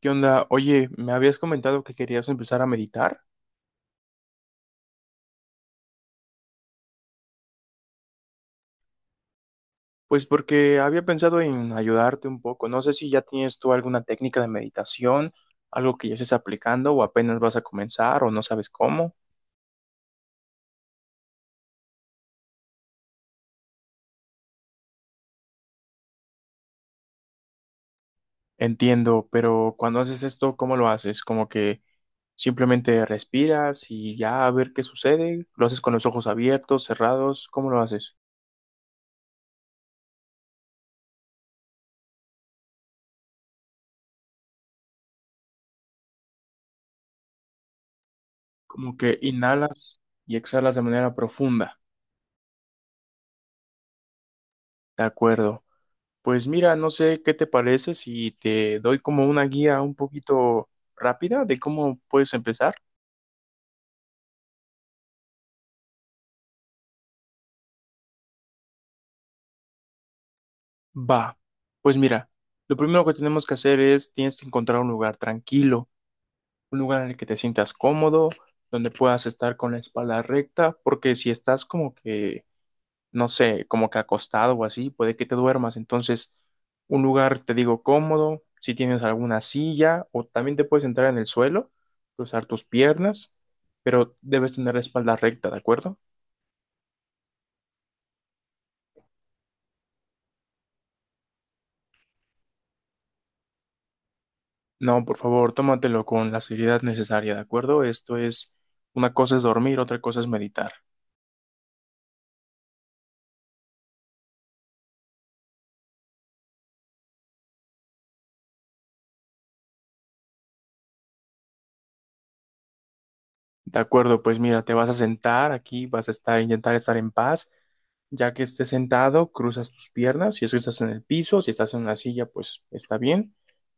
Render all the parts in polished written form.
¿Qué onda? Oye, me habías comentado que querías empezar a meditar. Pues porque había pensado en ayudarte un poco. No sé si ya tienes tú alguna técnica de meditación, algo que ya estés aplicando o apenas vas a comenzar o no sabes cómo. Entiendo, pero cuando haces esto, ¿cómo lo haces? Como que simplemente respiras y ya a ver qué sucede. ¿Lo haces con los ojos abiertos, cerrados? ¿Cómo lo haces? Como que inhalas y exhalas de manera profunda. De acuerdo. Pues mira, no sé qué te parece si te doy como una guía un poquito rápida de cómo puedes empezar. Va, pues mira, lo primero que tenemos que hacer es tienes que encontrar un lugar tranquilo, un lugar en el que te sientas cómodo, donde puedas estar con la espalda recta, porque si estás como que no sé, como que acostado o así, puede que te duermas. Entonces, un lugar, te digo, cómodo, si tienes alguna silla o también te puedes sentar en el suelo, cruzar tus piernas, pero debes tener la espalda recta, ¿de acuerdo? No, por favor, tómatelo con la seriedad necesaria, ¿de acuerdo? Esto es, una cosa es dormir, otra cosa es meditar. De acuerdo, pues mira, te vas a sentar aquí, vas a estar, intentar estar en paz. Ya que estés sentado, cruzas tus piernas. Si es que estás en el piso, si estás en una silla, pues está bien.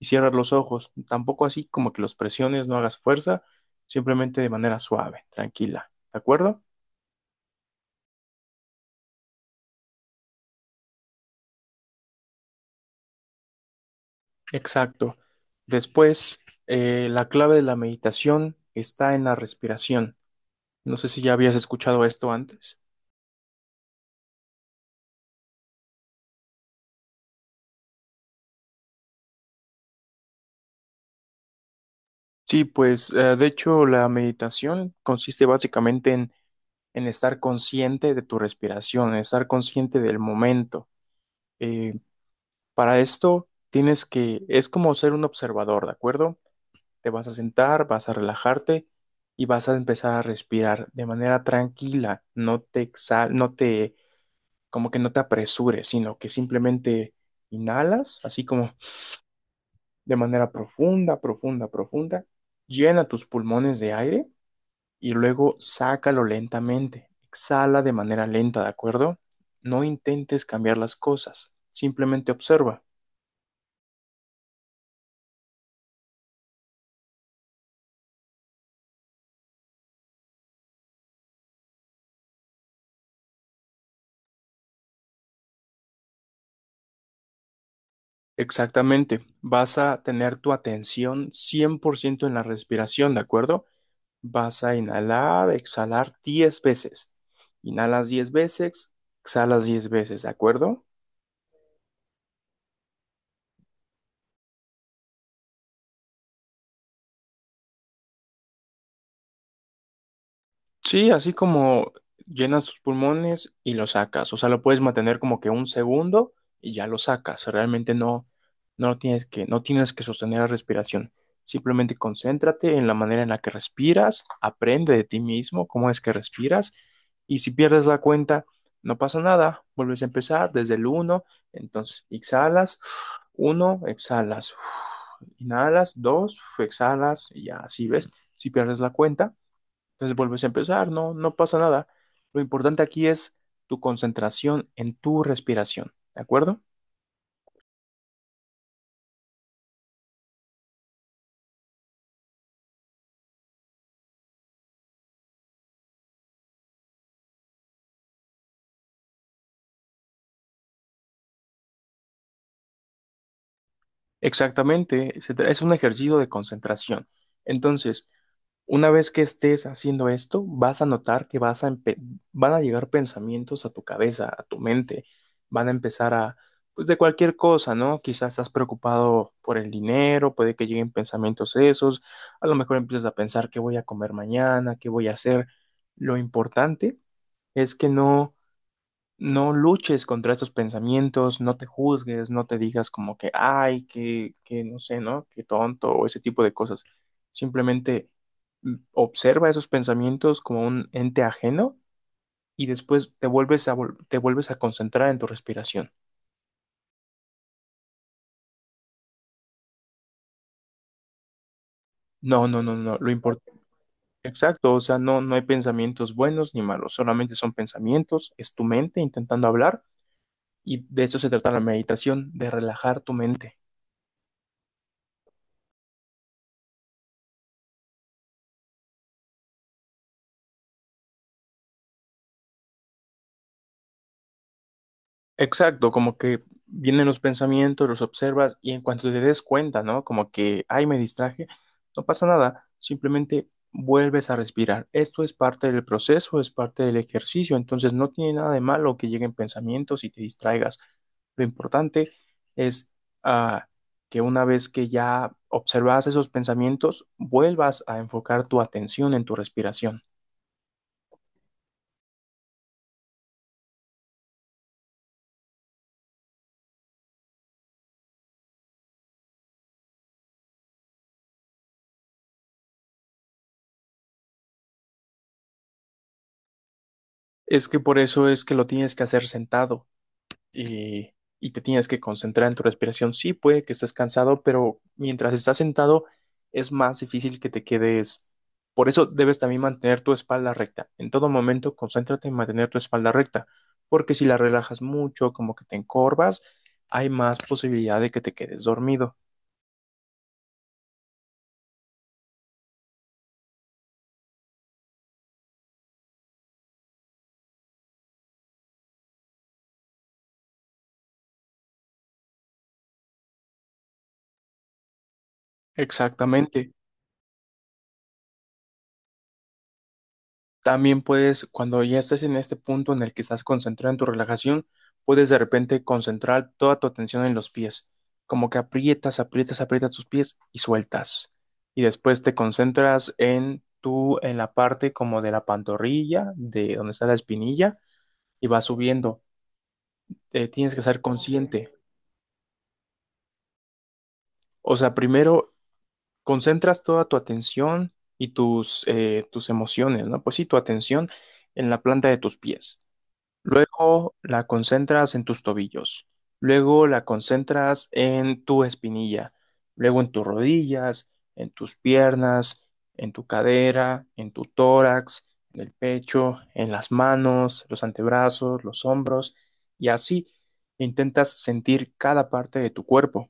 Y cierras los ojos. Tampoco así como que los presiones, no hagas fuerza, simplemente de manera suave, tranquila. ¿De acuerdo? Exacto. Después, la clave de la meditación está en la respiración. No sé si ya habías escuchado esto antes. Sí, pues de hecho la meditación consiste básicamente en estar consciente de tu respiración, en estar consciente del momento. Eh, Para esto tienes que, es como ser un observador, ¿de acuerdo? Te vas a sentar, vas a relajarte y vas a empezar a respirar de manera tranquila, no te exhal, no te, como que no te apresures, sino que simplemente inhalas, así como de manera profunda, profunda, profunda, llena tus pulmones de aire y luego sácalo lentamente, exhala de manera lenta, ¿de acuerdo? No intentes cambiar las cosas, simplemente observa. Exactamente. Vas a tener tu atención 100% en la respiración, ¿de acuerdo? Vas a inhalar, exhalar 10 veces. Inhalas 10 veces, exhalas 10 veces, ¿de acuerdo? Sí, así como llenas tus pulmones y lo sacas. O sea, lo puedes mantener como que un segundo y ya lo sacas. Realmente no, no lo tienes que, no tienes que sostener la respiración. Simplemente concéntrate en la manera en la que respiras, aprende de ti mismo cómo es que respiras y si pierdes la cuenta, no pasa nada. Vuelves a empezar desde el uno. Entonces exhalas, 1, exhalas, inhalas, 2, exhalas y ya así ves. Si pierdes la cuenta, entonces vuelves a empezar, no, no pasa nada. Lo importante aquí es tu concentración en tu respiración, ¿de acuerdo? Exactamente, es un ejercicio de concentración. Entonces, una vez que estés haciendo esto, vas a notar que van a llegar pensamientos a tu cabeza, a tu mente. Van a empezar a, pues de cualquier cosa, ¿no? Quizás estás preocupado por el dinero, puede que lleguen pensamientos esos. A lo mejor empiezas a pensar qué voy a comer mañana, qué voy a hacer. Lo importante es que no luches contra esos pensamientos, no te juzgues, no te digas como que, ay, que no sé, ¿no? Que tonto o ese tipo de cosas. Simplemente observa esos pensamientos como un ente ajeno y después te vuelves a concentrar en tu respiración. No, no, no, no, lo importante, exacto, o sea, no, no hay pensamientos buenos ni malos, solamente son pensamientos, es tu mente intentando hablar y de eso se trata la meditación, de relajar tu mente. Exacto, como que vienen los pensamientos, los observas y en cuanto te des cuenta, ¿no? Como que, ay, me distraje, no pasa nada, simplemente vuelves a respirar. Esto es parte del proceso, es parte del ejercicio, entonces no tiene nada de malo que lleguen pensamientos y te distraigas. Lo importante es ah, que una vez que ya observas esos pensamientos, vuelvas a enfocar tu atención en tu respiración. Es que por eso es que lo tienes que hacer sentado. y, y te tienes que concentrar en tu respiración. Sí, puede que estés cansado, pero mientras estás sentado es más difícil que te quedes. Por eso debes también mantener tu espalda recta. En todo momento, concéntrate en mantener tu espalda recta, porque si la relajas mucho, como que te encorvas, hay más posibilidad de que te quedes dormido. Exactamente. También puedes, cuando ya estés en este punto en el que estás concentrado en tu relajación, puedes de repente concentrar toda tu atención en los pies, como que aprietas, aprietas, aprietas tus pies y sueltas. Y después te concentras en la parte como de la pantorrilla, de donde está la espinilla, y vas subiendo. Tienes que ser consciente. O sea, primero concentras toda tu atención y tus emociones, ¿no? Pues sí, tu atención en la planta de tus pies. Luego la concentras en tus tobillos. Luego la concentras en tu espinilla. Luego en tus rodillas, en tus piernas, en tu cadera, en tu tórax, en el pecho, en las manos, los antebrazos, los hombros. Y así intentas sentir cada parte de tu cuerpo.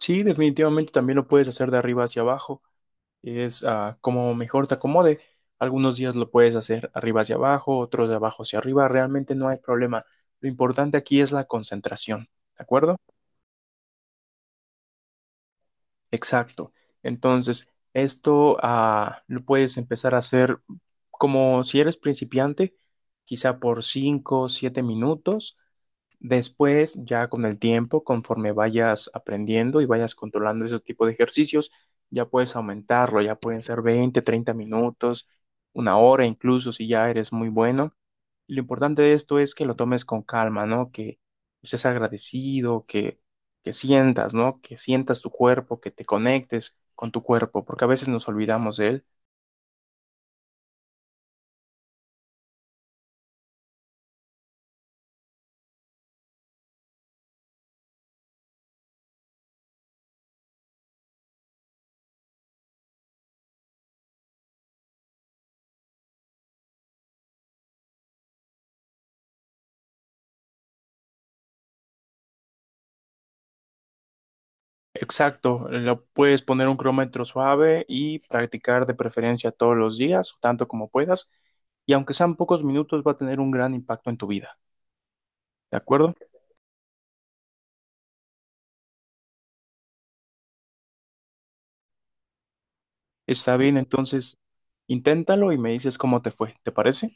Sí, definitivamente también lo puedes hacer de arriba hacia abajo. Es como mejor te acomode. Algunos días lo puedes hacer arriba hacia abajo, otros de abajo hacia arriba. Realmente no hay problema. Lo importante aquí es la concentración, ¿de acuerdo? Exacto. Entonces, esto lo puedes empezar a hacer como si eres principiante, quizá por 5 o 7 minutos. Después, ya con el tiempo, conforme vayas aprendiendo y vayas controlando ese tipo de ejercicios, ya puedes aumentarlo, ya pueden ser 20 30 minutos, una hora incluso si ya eres muy bueno. Y lo importante de esto es que lo tomes con calma, ¿no? Que estés agradecido, que sientas, ¿no? Que sientas tu cuerpo, que te conectes con tu cuerpo, porque a veces nos olvidamos de él. Exacto, lo puedes poner un cronómetro suave y practicar de preferencia todos los días, tanto como puedas, y aunque sean pocos minutos, va a tener un gran impacto en tu vida, ¿de acuerdo? Está bien, entonces, inténtalo y me dices cómo te fue, ¿te parece?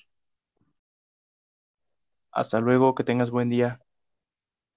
Hasta luego, que tengas buen día.